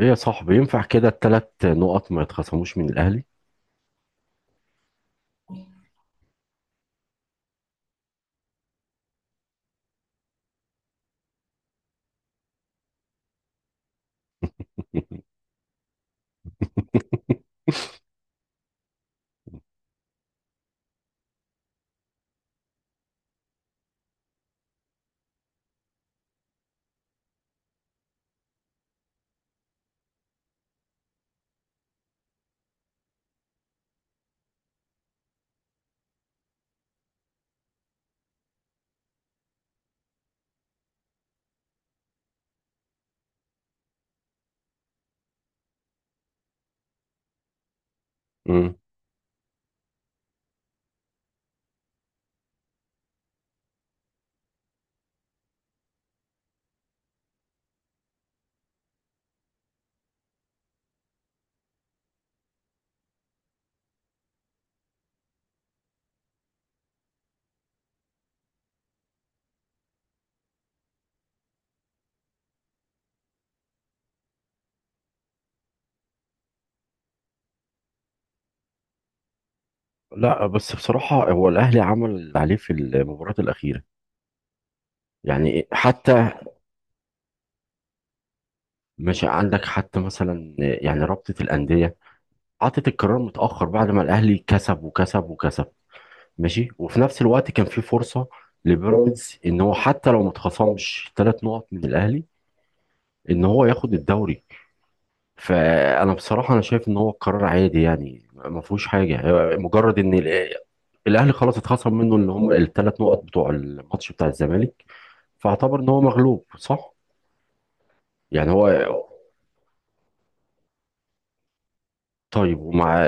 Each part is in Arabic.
ايه يا صاحبي، ينفع كده التلات نقط ما يتخصموش من الاهلي؟ مم. لا، بس بصراحة هو الاهلي عمل اللي عليه في المباراة الاخيرة، يعني حتى. مش عندك حتى مثلا يعني رابطة الاندية عطت القرار متأخر بعد ما الاهلي كسب وكسب وكسب. ماشي، وفي نفس الوقت كان في فرصة لبيراميدز ان هو حتى لو ما اتخصمش تلات نقط من الاهلي ان هو ياخد الدوري. فانا بصراحه انا شايف ان هو قرار عادي، يعني ما فيهوش حاجه، هو مجرد ان الاهلي خلاص اتخصم منه اللي هم الثلاث نقط بتوع الماتش بتاع الزمالك، فاعتبر ان هو مغلوب، صح. يعني هو، طيب، ومع،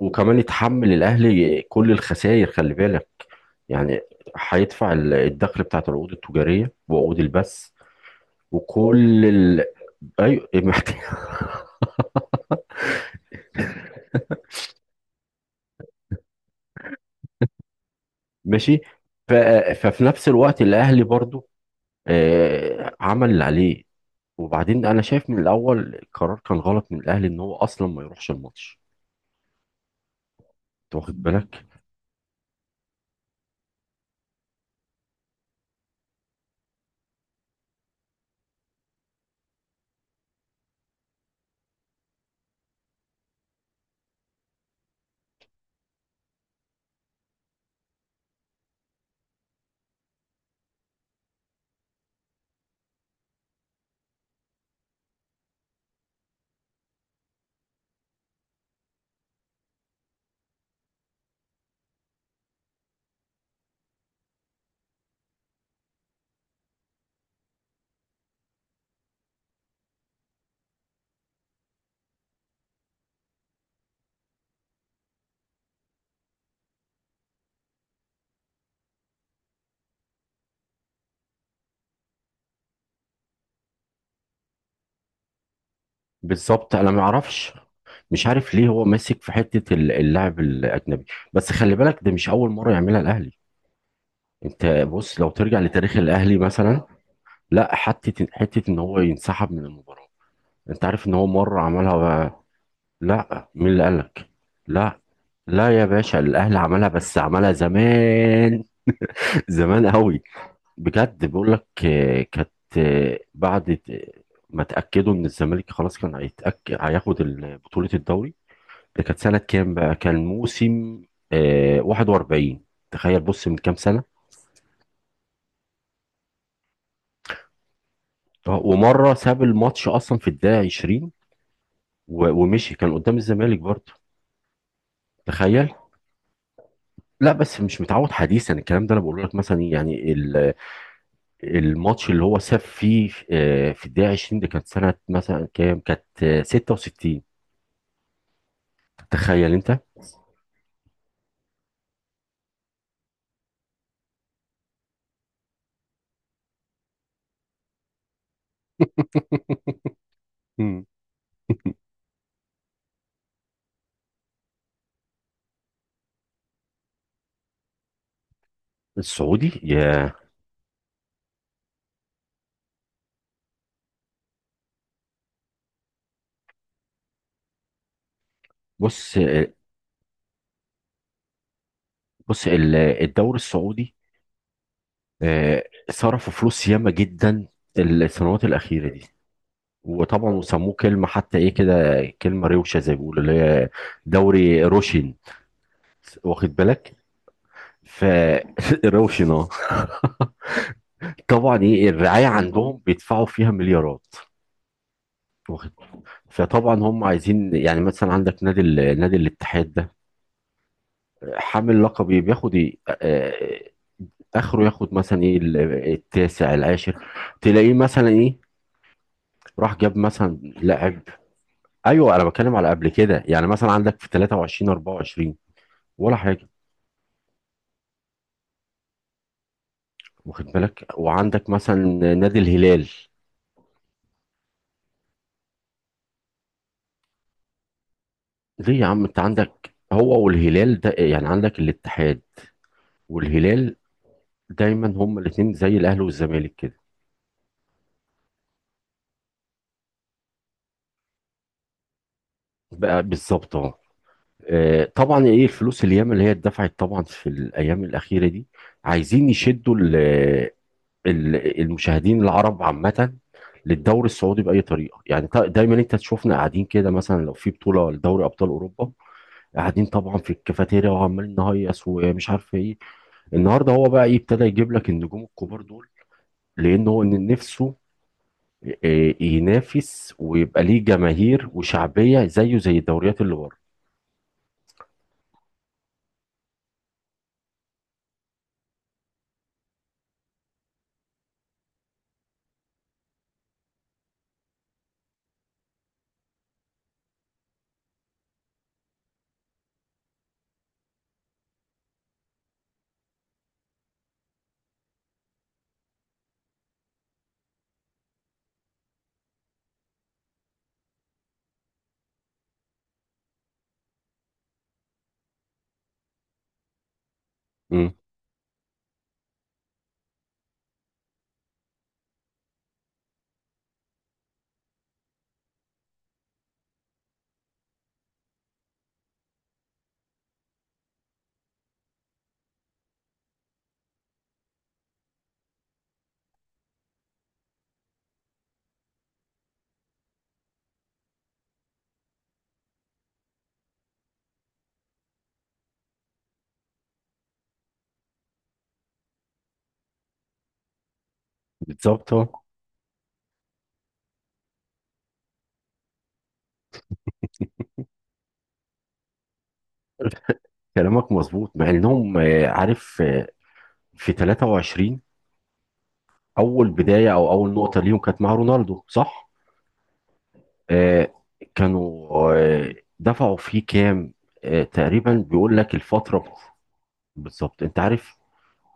وكمان يتحمل الاهلي كل الخسائر، خلي بالك، يعني هيدفع الدخل بتاعت العقود التجاريه وعقود البث وكل ايوه. محتاج، ماشي. ف... ففي نفس الوقت الاهلي برضو عمل اللي عليه، وبعدين انا شايف من الاول القرار كان غلط من الاهلي ان هو اصلا ما يروحش الماتش، انت واخد بالك؟ بالظبط. انا ما اعرفش مش عارف ليه هو ماسك في حته اللاعب الاجنبي، بس خلي بالك ده مش اول مره يعملها الاهلي. انت بص لو ترجع لتاريخ الاهلي مثلا، لا، حته ان هو ينسحب من المباراه. انت عارف ان هو مره عملها بقى. لا، مين اللي قالك؟ لا، لا، يا باشا، الاهلي عملها، بس عملها زمان، زمان قوي. بجد بقول لك، كانت، بعد ما تأكدوا إن الزمالك خلاص كان هيتأكد هياخد بطولة الدوري. ده كانت سنة كام بقى؟ كان موسم 41. تخيل، بص من كام سنة. ومرة ساب الماتش أصلا في الدقيقة 20، و- ومشي، كان قدام الزمالك برضه، تخيل. لا، بس مش متعود حديثا الكلام ده، انا بقول لك مثلا إيه، يعني الماتش اللي هو ساب فيه في الدقيقة 20، ده كانت سنة مثلا كام؟ كانت 66، تخيل انت. مم. السعودي. يا بص، بص الدوري السعودي، آه، صرفوا فلوس ياما جدا السنوات الأخيرة دي، وطبعا وسموه كلمة حتى ايه كده، كلمة روشة زي ما بيقولوا اللي هي دوري روشن، واخد بالك؟ ف روشن، اه. طبعا ايه الرعاية عندهم، بيدفعوا فيها مليارات، واخد بالك؟ فطبعا هم عايزين يعني مثلا عندك نادي نادي الاتحاد ده حامل لقب إيه؟ بياخد إيه؟ اخره ياخد مثلا ايه، التاسع، العاشر، تلاقيه مثلا ايه، راح جاب مثلا لاعب. ايوه، انا بتكلم على قبل كده، يعني مثلا عندك في 23 24 ولا حاجه، واخد بالك؟ وعندك مثلا نادي الهلال. ليه يا عم، انت عندك هو والهلال ده، يعني عندك الاتحاد والهلال، دايما هما الاثنين زي الاهلي والزمالك كده، بقى بالظبط اهو. طبعا ايه الفلوس الياما اللي هي اتدفعت طبعا في الايام الاخيره دي، عايزين يشدوا المشاهدين العرب عامة للدوري السعودي بأي طريقة، يعني دايما انت تشوفنا قاعدين كده مثلا لو في بطولة لدوري أبطال أوروبا، قاعدين طبعا في الكافيتيريا وعمالين نهيص ومش عارف ايه. النهارده هو بقى ايه، ابتدى يجيب لك النجوم الكبار دول لأن هو ان نفسه ينافس ويبقى ليه جماهير وشعبية زيه زي الدوريات اللي بره. مم. بالظبط، اه. كلامك مظبوط، مع انهم عارف، في 23 اول بداية او اول نقطة ليهم كانت مع رونالدو، صح؟ آه، كانوا دفعوا فيه كام؟ تقريبا بيقول لك الفترة. بالظبط. انت عارف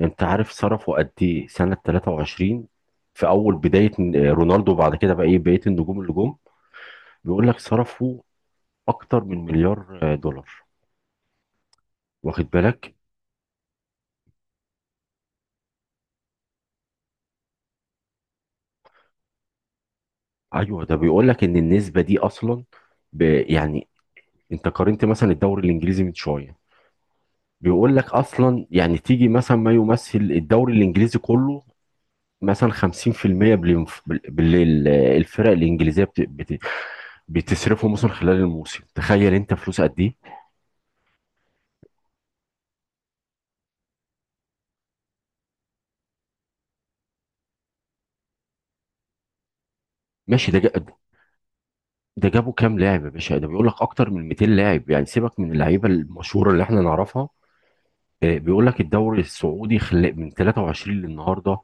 انت عارف صرفوا قد ايه سنة 23 في اول بداية؟ رونالدو وبعد كده بقى ايه بقية النجوم اللي جم، بيقول لك صرفوا اكتر من مليار دولار، واخد بالك؟ ايوه ده بيقول لك ان النسبة دي اصلا، يعني انت قارنت مثلا الدوري الانجليزي من شوية، بيقول لك اصلا يعني تيجي مثلا ما يمثل الدوري الانجليزي كله مثلا 50% بالليل، الفرق الانجليزيه بتصرفه مثلا خلال الموسم، تخيل انت فلوس قد ايه. ماشي. ده جابوا كام لاعب يا باشا، ده بيقول لك اكتر من 200 لاعب، يعني سيبك من اللعيبه المشهوره اللي احنا نعرفها. بيقول لك الدوري السعودي من 23 للنهارده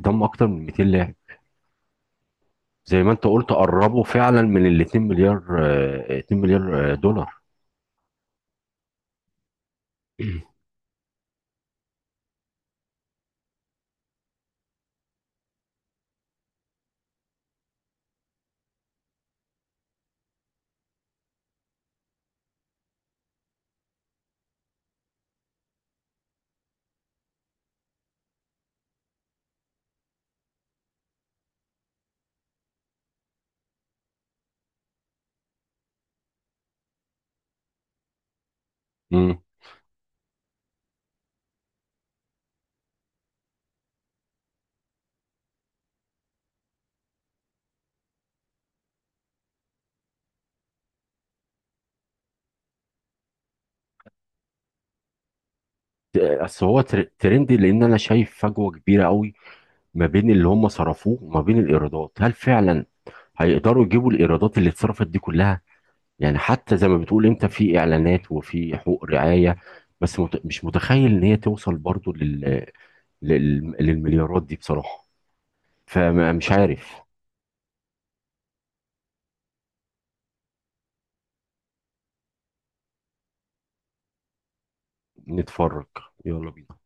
ضم اكتر من 200 لاعب، زي ما انت قلت قربوا فعلا من ال 2 مليار، 2 مليار دولار. امم بس هو ترند، لان انا شايف فجوه كبيره قوي ما بين اللي هم صرفوه وما بين الايرادات. هل فعلا هيقدروا يجيبوا الايرادات اللي اتصرفت دي كلها؟ يعني حتى زي ما بتقول انت، في اعلانات وفي حقوق رعاية، بس مش متخيل ان هي توصل برضو للمليارات دي بصراحة، فمش عارف. نتفرج، يلا بينا.